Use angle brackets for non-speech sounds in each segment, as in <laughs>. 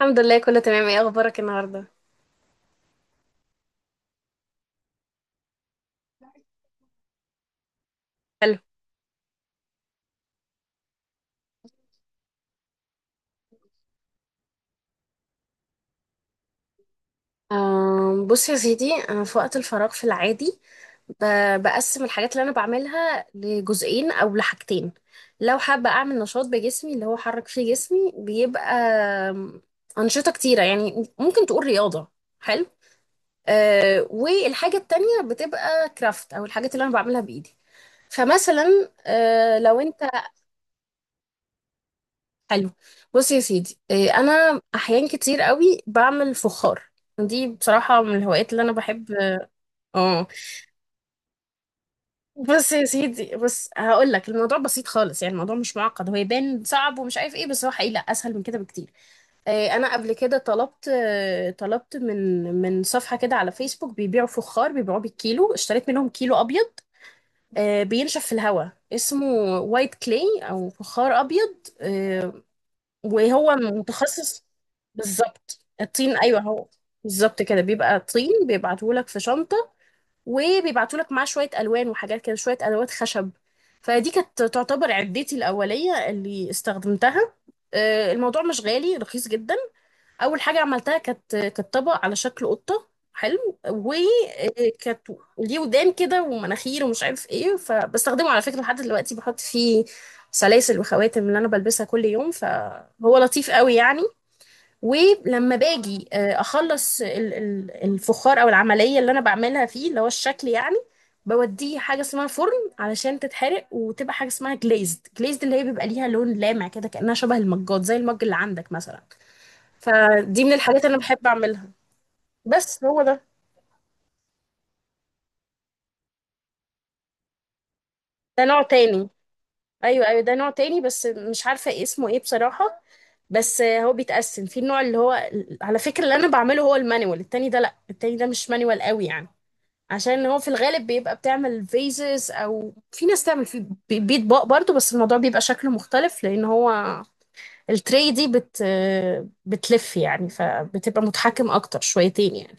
الحمد لله كله تمام. ايه اخبارك النهارده؟ حلو. بص يا سيدي انا في وقت الفراغ في العادي بقسم الحاجات اللي انا بعملها لجزئين او لحاجتين. لو حابه اعمل نشاط بجسمي اللي هو حرك فيه جسمي بيبقى آم، انشطه كتيره، يعني ممكن تقول رياضه. حلو. والحاجه التانية بتبقى كرافت او الحاجات اللي انا بعملها بايدي. فمثلا لو انت. حلو. بص يا سيدي، انا احيان كتير قوي بعمل فخار. دي بصراحة من الهوايات اللي انا بحب. اه. بص يا سيدي هقول لك، الموضوع بسيط خالص، يعني الموضوع مش معقد، هو يبان صعب ومش عارف ايه، بس هو حقيقي لا اسهل من كده بكتير. انا قبل كده طلبت، طلبت من صفحة كده على فيسبوك بيبيعوا فخار، بيبيعوه بالكيلو. اشتريت منهم كيلو ابيض، بينشف في الهواء، اسمه وايت كلاي او فخار ابيض، آه، وهو متخصص. بالظبط الطين، ايوه هو. بالظبط كده بيبقى طين، بيبعتهولك في شنطه، وبيبعتهولك معاه شويه الوان وحاجات كده، شويه ادوات خشب. فدي كانت تعتبر عدتي الاوليه اللي استخدمتها. الموضوع مش غالي، رخيص جدا. اول حاجه عملتها كانت طبق على شكل قطه. حلو. وكانت ليه ودان كده ومناخير ومش عارف ايه، فبستخدمه على فكره لحد دلوقتي، بحط فيه سلاسل وخواتم اللي انا بلبسها كل يوم، فهو لطيف قوي يعني. ولما باجي اخلص الفخار او العمليه اللي انا بعملها فيه، اللي هو الشكل يعني، بوديه حاجه اسمها فرن علشان تتحرق، وتبقى حاجه اسمها جليزد. جليزد اللي هي بيبقى ليها لون لامع كده، كانها شبه المجات، زي المج اللي عندك مثلا. فدي من الحاجات اللي أنا بحب أعملها. بس هو ده. ده نوع تاني. أيوه، أيوه، ده نوع تاني، بس مش عارفة اسمه إيه بصراحة. بس هو بيتقسم في النوع اللي هو، على فكرة اللي أنا بعمله هو المانيوال. التاني ده لأ، التاني ده مش مانيوال قوي يعني، عشان هو في الغالب بيبقى بتعمل فيزز، او في ناس تعمل في بيطباق برضو، بس الموضوع بيبقى شكله مختلف، لان هو التري دي بتلف يعني، فبتبقى متحكم اكتر شويتين يعني.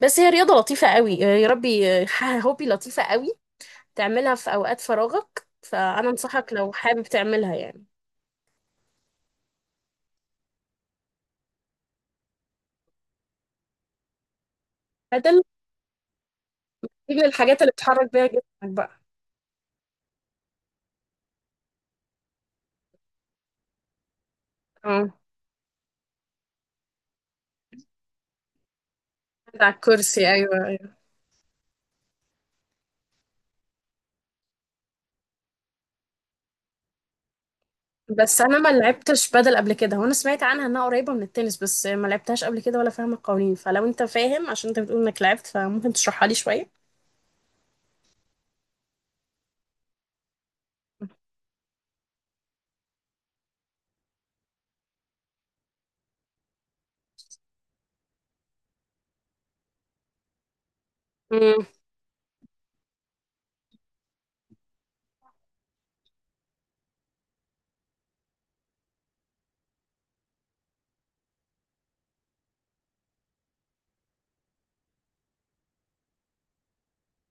بس هي رياضة لطيفة قوي يا ربي. <laughs> هوبي لطيفة قوي، تعملها في أوقات فراغك، فأنا أنصحك لو حابب تعملها يعني. بدل دي من الحاجات اللي بتحرك بيها جسمك بقى. اه، قاعد على الكرسي، أيوه أيوه. بس أنا ما لعبتش بدل قبل كده، وأنا سمعت عنها إنها قريبة من التنس، بس ما لعبتهاش قبل كده ولا فاهمة القوانين، فلو أنت فاهم، عشان أنت بتقول إنك لعبت، فممكن تشرحها لي شوية. امم.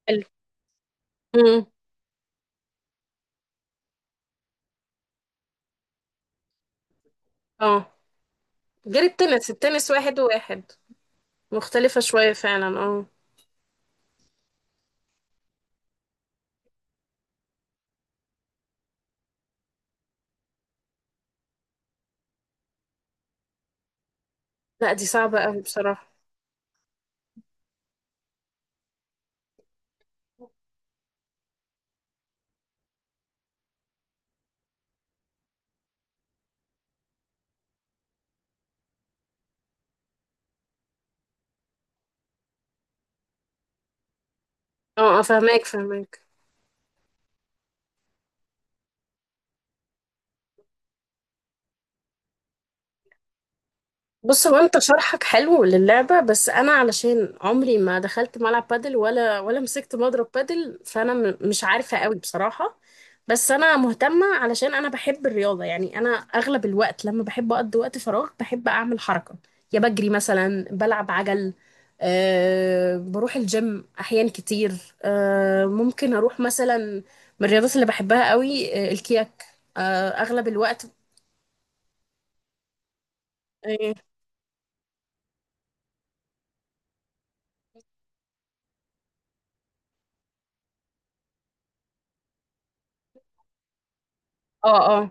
حلو. امم. اه. غير التنس، التنس واحد وواحد. مختلفة شوية فعلا، اه. لا دي صعبة أوي بصراحة. اه اه، فهماك فهماك. بص، هو انت شرحك حلو للعبة، بس انا علشان عمري ما دخلت ملعب بادل ولا مسكت مضرب بادل، فانا مش عارفة قوي بصراحة. بس انا مهتمة، علشان انا بحب الرياضة، يعني انا اغلب الوقت لما بحب اقضي وقت فراغ بحب اعمل حركة. يا بجري مثلا، بلعب عجل، أه بروح الجيم احيان كتير، أه ممكن اروح مثلا. من الرياضات اللي بحبها قوي الكياك. أه، اغلب الوقت. اه اه. آه.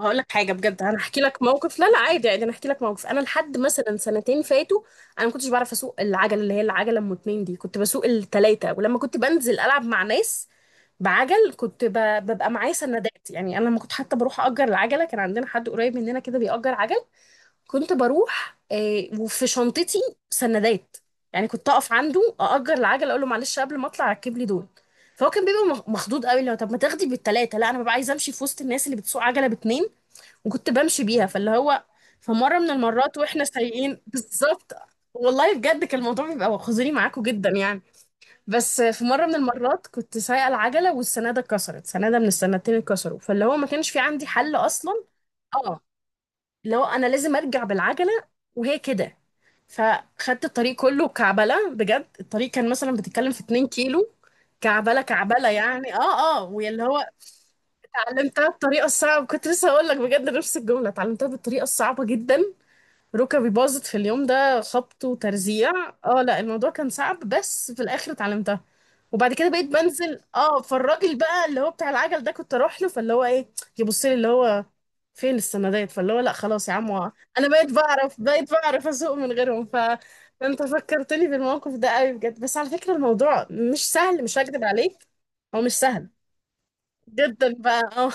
هقول لك حاجه بجد، انا هحكي لك موقف. لا لا، عادي عادي، انا هحكي لك موقف. انا لحد مثلا سنتين فاتوا انا ما كنتش بعرف اسوق العجله اللي هي العجله ام اتنين دي، كنت بسوق التلاته. ولما كنت بنزل العب مع ناس بعجل كنت ببقى معايا سندات. يعني انا لما كنت حتى بروح اجر العجله، كان عندنا حد قريب مننا كده بيأجر عجل. كنت بروح وفي شنطتي سندات، يعني كنت اقف عنده، اأجر العجله، اقول له معلش قبل ما اطلع ركب لي دول. فهو كان بيبقى مخضوض قوي. لو طب ما تاخدي بالتلاته؟ لا، انا ببقى عايزه امشي في وسط الناس اللي بتسوق عجله باتنين. وكنت بمشي بيها. فاللي هو في مرة من المرات واحنا سايقين بالظبط، والله بجد كان الموضوع بيبقى خزوني معاكم جدا يعني. بس في مرة من المرات كنت سايقة العجلة والسنادة اتكسرت، سنادة من السنادتين اتكسروا، فاللي هو ما كانش في عندي حل أصلا. اه، اللي هو أنا لازم أرجع بالعجلة، وهي كده. فخدت الطريق كله كعبلة بجد، الطريق كان مثلا بتتكلم في 2 كيلو، كعبلة كعبلة يعني، اه اه. واللي هو اتعلمتها بطريقة صعبة، كنت لسه هقول لك بجد نفس الجملة، اتعلمتها بالطريقة الصعبة جدا. ركبي باظت في اليوم ده، خبط وترزيع. اه، لا الموضوع كان صعب، بس في الاخر اتعلمتها. وبعد كده بقيت بنزل، اه. فالراجل بقى اللي هو بتاع العجل ده كنت اروح له، فاللي هو ايه، يبص لي اللي هو فين السندات، فاللي هو لا خلاص يا عم، انا بقيت بعرف اسوق من غيرهم. فانت فكرتني بالموقف ده قوي بجد، بس على فكرة الموضوع مش سهل، مش هكدب عليك. هو مش سهل جدا بقى، اه.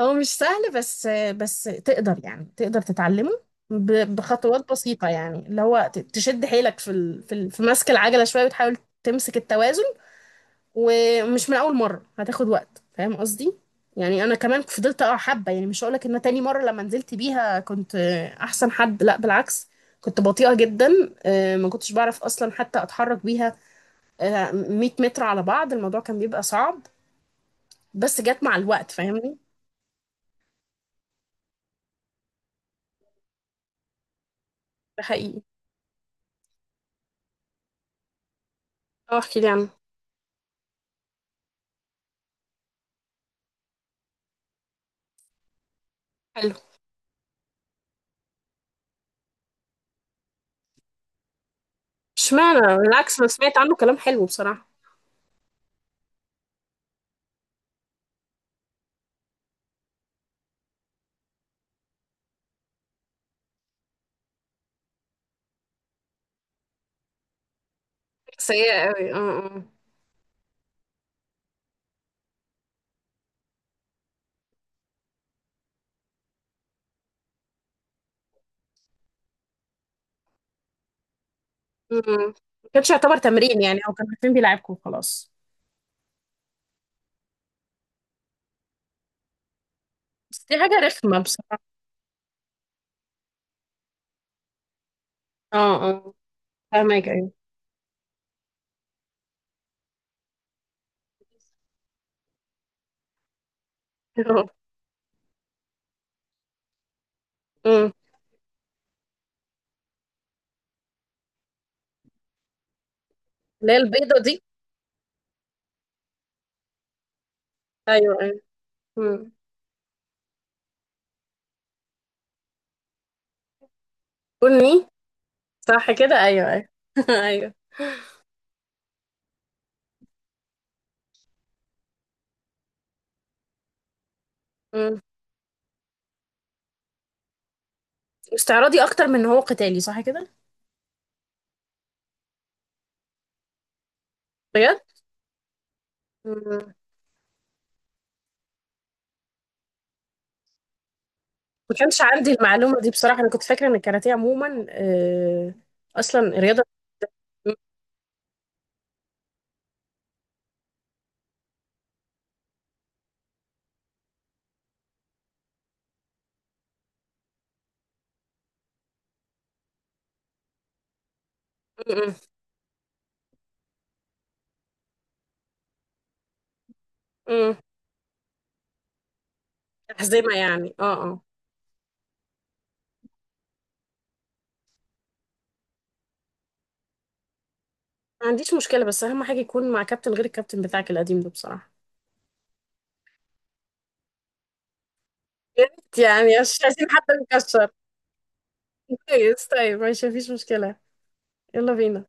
هو مش سهل، بس تقدر يعني، تقدر تتعلمه بخطوات بسيطة، يعني اللي هو تشد حيلك في مسك العجلة شوية، وتحاول تمسك التوازن. ومش من أول مرة، هتاخد وقت، فاهم قصدي؟ يعني أنا كمان فضلت أقع حبة، يعني مش هقولك إن أنا تاني مرة لما نزلت بيها كنت أحسن حد، لأ بالعكس، كنت بطيئة جدا. ما كنتش بعرف أصلا حتى أتحرك بيها. 100 متر على بعض الموضوع كان بيبقى صعب، بس جت مع الوقت. فاهمني؟ ده حقيقي. اه، احكي لي عنه. حلو، اشمعنى؟ بالعكس انا سمعت عنه كلام حلو بصراحة. سيئة قوي، اه اه. أمم. ما كانش يعتبر تمرين يعني، او كانوا عارفين بيلعبكم وخلاص. بس دي حاجة رخمة بصراحة. اه اه، فاهمك ايوه. <laughs> اه. أمم. اللي هي البيضة دي. ايوه ايوه. أمم. بني، صح كده، ايوه ايوه. <laughs> ايوه. أمم. استعراضي اكتر من ان هو قتالي، صح كده؟ بجد. أمم. ما كانش عندي المعلومة دي بصراحة، انا كنت فاكرة ان الكاراتيه عموما اصلا رياضة. أمم. أمم. أمم. تحزمة يعني، اه اه. ما عنديش مشكلة، بس أهم حاجة يكون مع كابتن غير الكابتن بتاعك القديم ده بصراحة. يا ريت، يعني مش عايزين حد مكشر. كويس، طيب ماشي، مفيش مشكلة. يلا بينا.